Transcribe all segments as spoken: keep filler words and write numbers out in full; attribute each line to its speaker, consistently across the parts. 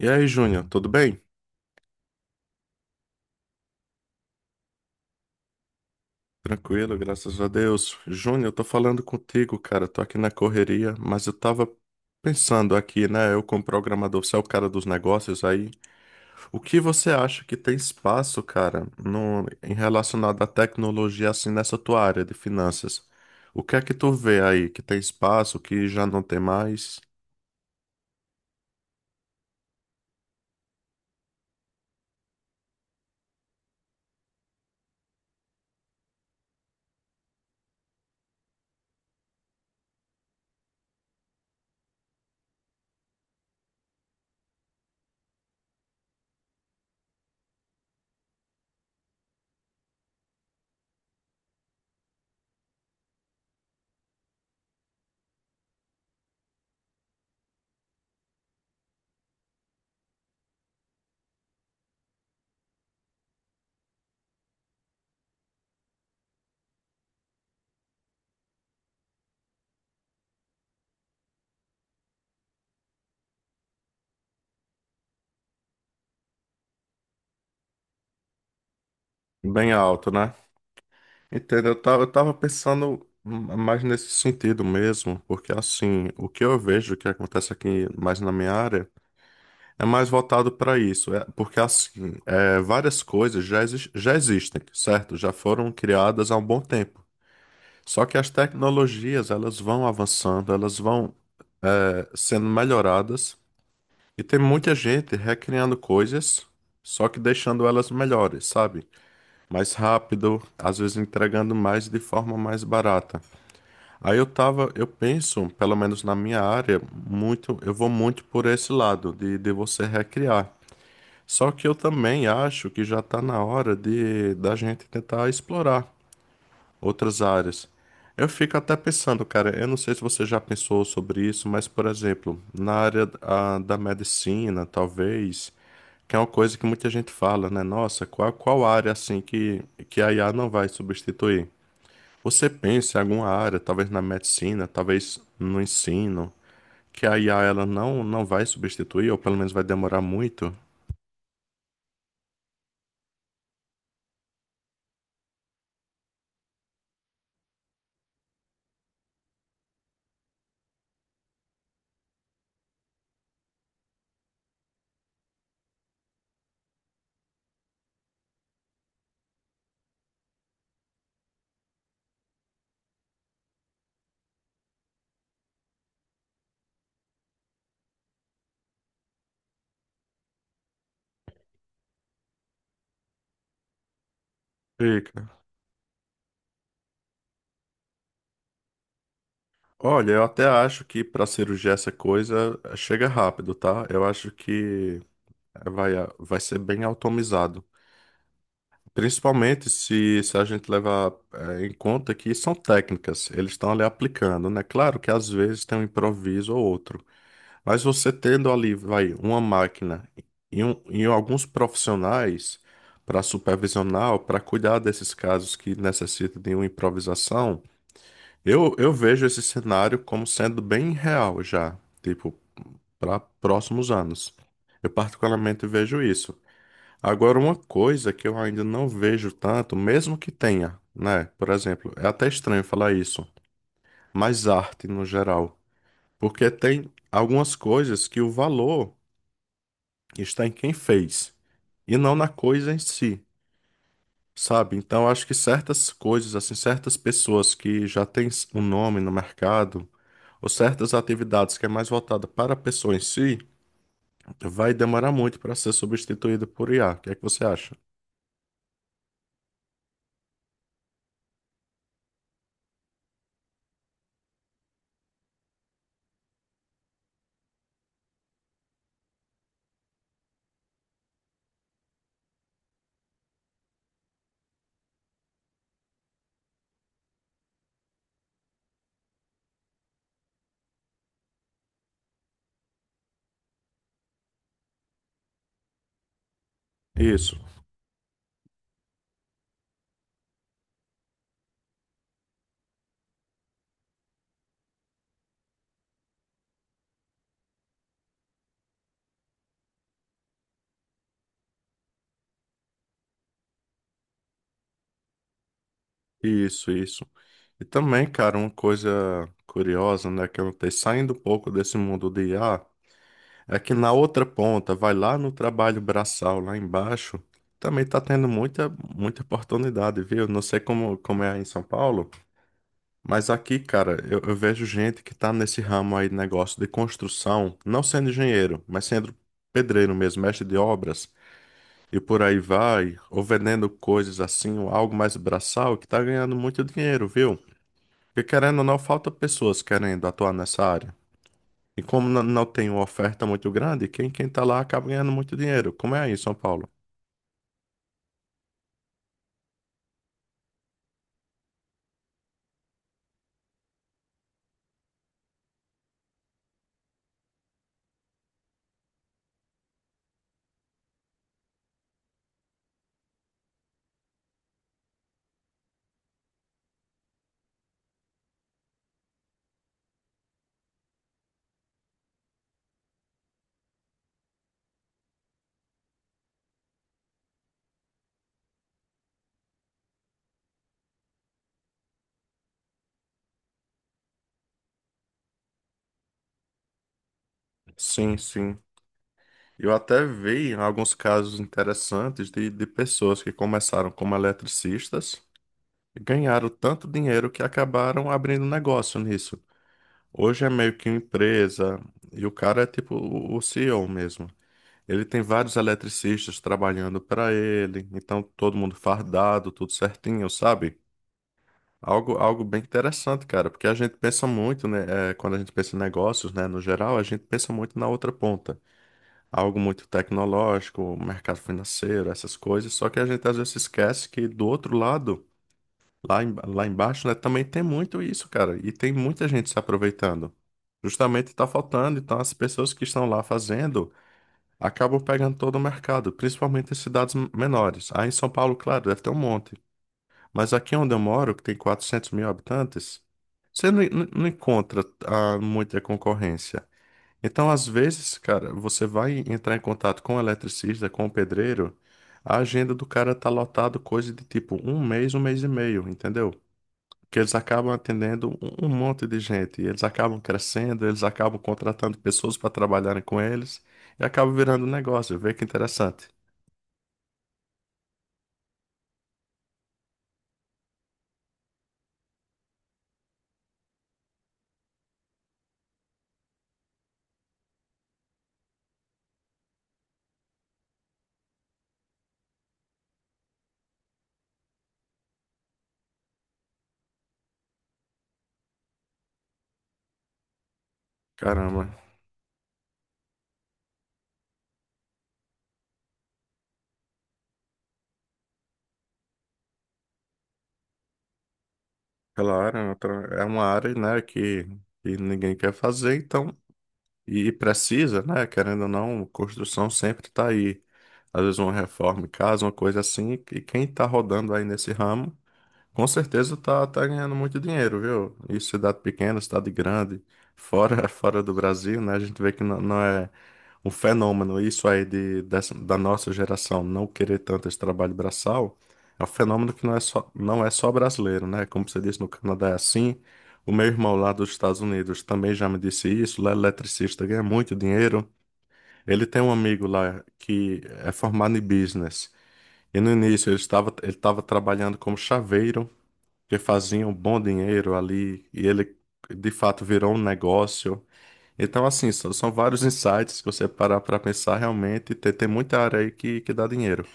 Speaker 1: E aí, Júnior, tudo bem? Tranquilo, graças a Deus. Júnior, eu tô falando contigo, cara. Tô aqui na correria, mas eu tava pensando aqui, né? Eu, como programador, você é o cara dos negócios aí. O que você acha que tem espaço, cara, no, em relacionado à tecnologia, assim, nessa tua área de finanças? O que é que tu vê aí que tem espaço, que já não tem mais? Bem alto, né? Entendo, eu tava, eu tava pensando mais nesse sentido mesmo, porque assim, o que eu vejo que acontece aqui mais na minha área é mais voltado para isso, é, porque assim, é, várias coisas já, exis- já existem, certo? Já foram criadas há um bom tempo. Só que as tecnologias, elas vão avançando, elas vão, é, sendo melhoradas, e tem muita gente recriando coisas, só que deixando elas melhores, sabe? Mais rápido, às vezes entregando mais de forma mais barata. Aí eu tava, eu penso, pelo menos na minha área, muito, eu vou muito por esse lado de, de você recriar. Só que eu também acho que já tá na hora de da gente tentar explorar outras áreas. Eu fico até pensando, cara, eu não sei se você já pensou sobre isso, mas, por exemplo, na área ah, da medicina, talvez, que é uma coisa que muita gente fala, né? Nossa, qual, qual área assim que, que a I A não vai substituir? Você pensa em alguma área, talvez na medicina, talvez no ensino, que a I A ela não, não vai substituir, ou pelo menos vai demorar muito? Fica. Olha, eu até acho que para cirurgia essa coisa eh, chega rápido, tá? Eu acho que eh, vai, ah, vai ser bem automatizado. Principalmente se, se a gente levar eh, em conta que são técnicas, eles estão ali aplicando, né? Claro que às vezes tem um improviso ou outro, Mas você tendo ali, vai, uma máquina e, um, e alguns profissionais para supervisionar, para cuidar desses casos que necessitam de uma improvisação, eu, eu vejo esse cenário como sendo bem real já, tipo, para próximos anos. Eu particularmente vejo isso. Agora, uma coisa que eu ainda não vejo tanto, mesmo que tenha, né? Por exemplo, é até estranho falar isso, mas arte no geral. Porque tem algumas coisas que o valor. está em quem fez e não na coisa em si, sabe? Então acho que certas coisas, assim, certas pessoas que já têm um nome no mercado ou certas atividades que é mais voltada para a pessoa em si, vai demorar muito para ser substituída por I A. O que é que você acha? Isso, isso, isso. E também, cara, uma coisa curiosa, né, que eu notei, saindo um pouco desse mundo de IA, Aqui na outra ponta, vai lá no trabalho braçal, lá embaixo, também tá tendo muita, muita oportunidade, viu? Não sei como, como é aí em São Paulo, mas aqui, cara, eu, eu vejo gente que tá nesse ramo aí, negócio de construção, não sendo engenheiro, mas sendo pedreiro mesmo, mestre de obras, e por aí vai, ou vendendo coisas assim, ou algo mais braçal, que tá ganhando muito dinheiro, viu? Porque querendo ou não, falta pessoas querendo atuar nessa área. E como n- não tem uma oferta muito grande, quem, quem tá lá acaba ganhando muito dinheiro. Como é aí em São Paulo? Sim, sim. Eu até vi alguns casos interessantes de, de pessoas que começaram como eletricistas e ganharam tanto dinheiro que acabaram abrindo negócio nisso. Hoje é meio que uma empresa e o cara é tipo o o C E O mesmo. Ele tem vários eletricistas trabalhando para ele, então todo mundo fardado, tudo certinho, sabe? Algo, algo bem interessante, cara, porque a gente pensa muito, né? eh, quando a gente pensa em negócios, né, no geral, a gente pensa muito na outra ponta. Algo muito tecnológico, mercado financeiro, essas coisas. Só que a gente às vezes esquece que do outro lado, lá, em- lá embaixo, né, também tem muito isso, cara. E tem muita gente se aproveitando. Justamente está faltando. Então, as pessoas que estão lá fazendo acabam pegando todo o mercado, principalmente em cidades menores. Aí em São Paulo, claro, deve ter um monte. Mas aqui onde eu moro, que tem quatrocentos mil habitantes, você não, não- não encontra ah, muita concorrência. Então, às vezes, cara, você vai entrar em contato com o eletricista, com o pedreiro, a agenda do cara tá lotado coisa de tipo um mês, um mês e meio, entendeu? Que eles acabam atendendo um um monte de gente, e eles acabam crescendo, eles acabam contratando pessoas para trabalharem com eles, e acaba virando um negócio. Vê que interessante. Caramba. Claro, é outra- é uma área, né, que, que ninguém quer fazer, então, e precisa, né, querendo ou não, construção sempre tá aí. Às vezes uma reforma em casa, uma coisa assim, e quem tá rodando aí nesse ramo com certeza tá, tá ganhando muito dinheiro, viu? Isso, cidade pequena, cidade grande, fora, fora do Brasil, né? A gente vê que não, não é um fenômeno isso aí de, dessa- da nossa geração não querer tanto esse trabalho braçal. É um fenômeno que não é só, não é só brasileiro, né? Como você disse, no Canadá é assim. O meu irmão lá dos Estados Unidos também já me disse isso. Lá é eletricista, ganha muito dinheiro. Ele tem um amigo lá que é formado em business. E no início ele estava, ele estava trabalhando como chaveiro que faziam um bom dinheiro ali e ele de fato virou um negócio. Então, assim, são são vários insights que você parar para pensar realmente, tem, tem muita área aí que, que dá dinheiro.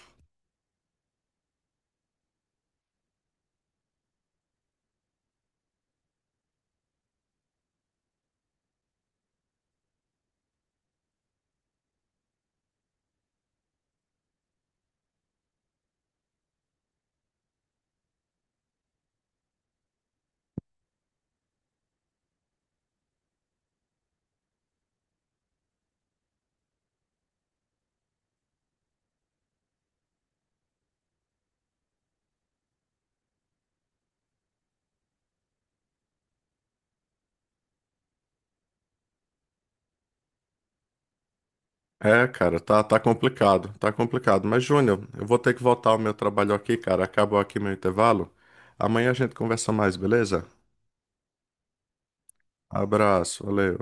Speaker 1: É, cara, tá, tá complicado, tá complicado. Mas, Júnior, eu vou ter que voltar ao meu trabalho aqui, cara. Acabou aqui meu intervalo. Amanhã a gente conversa mais, beleza? Abraço, valeu.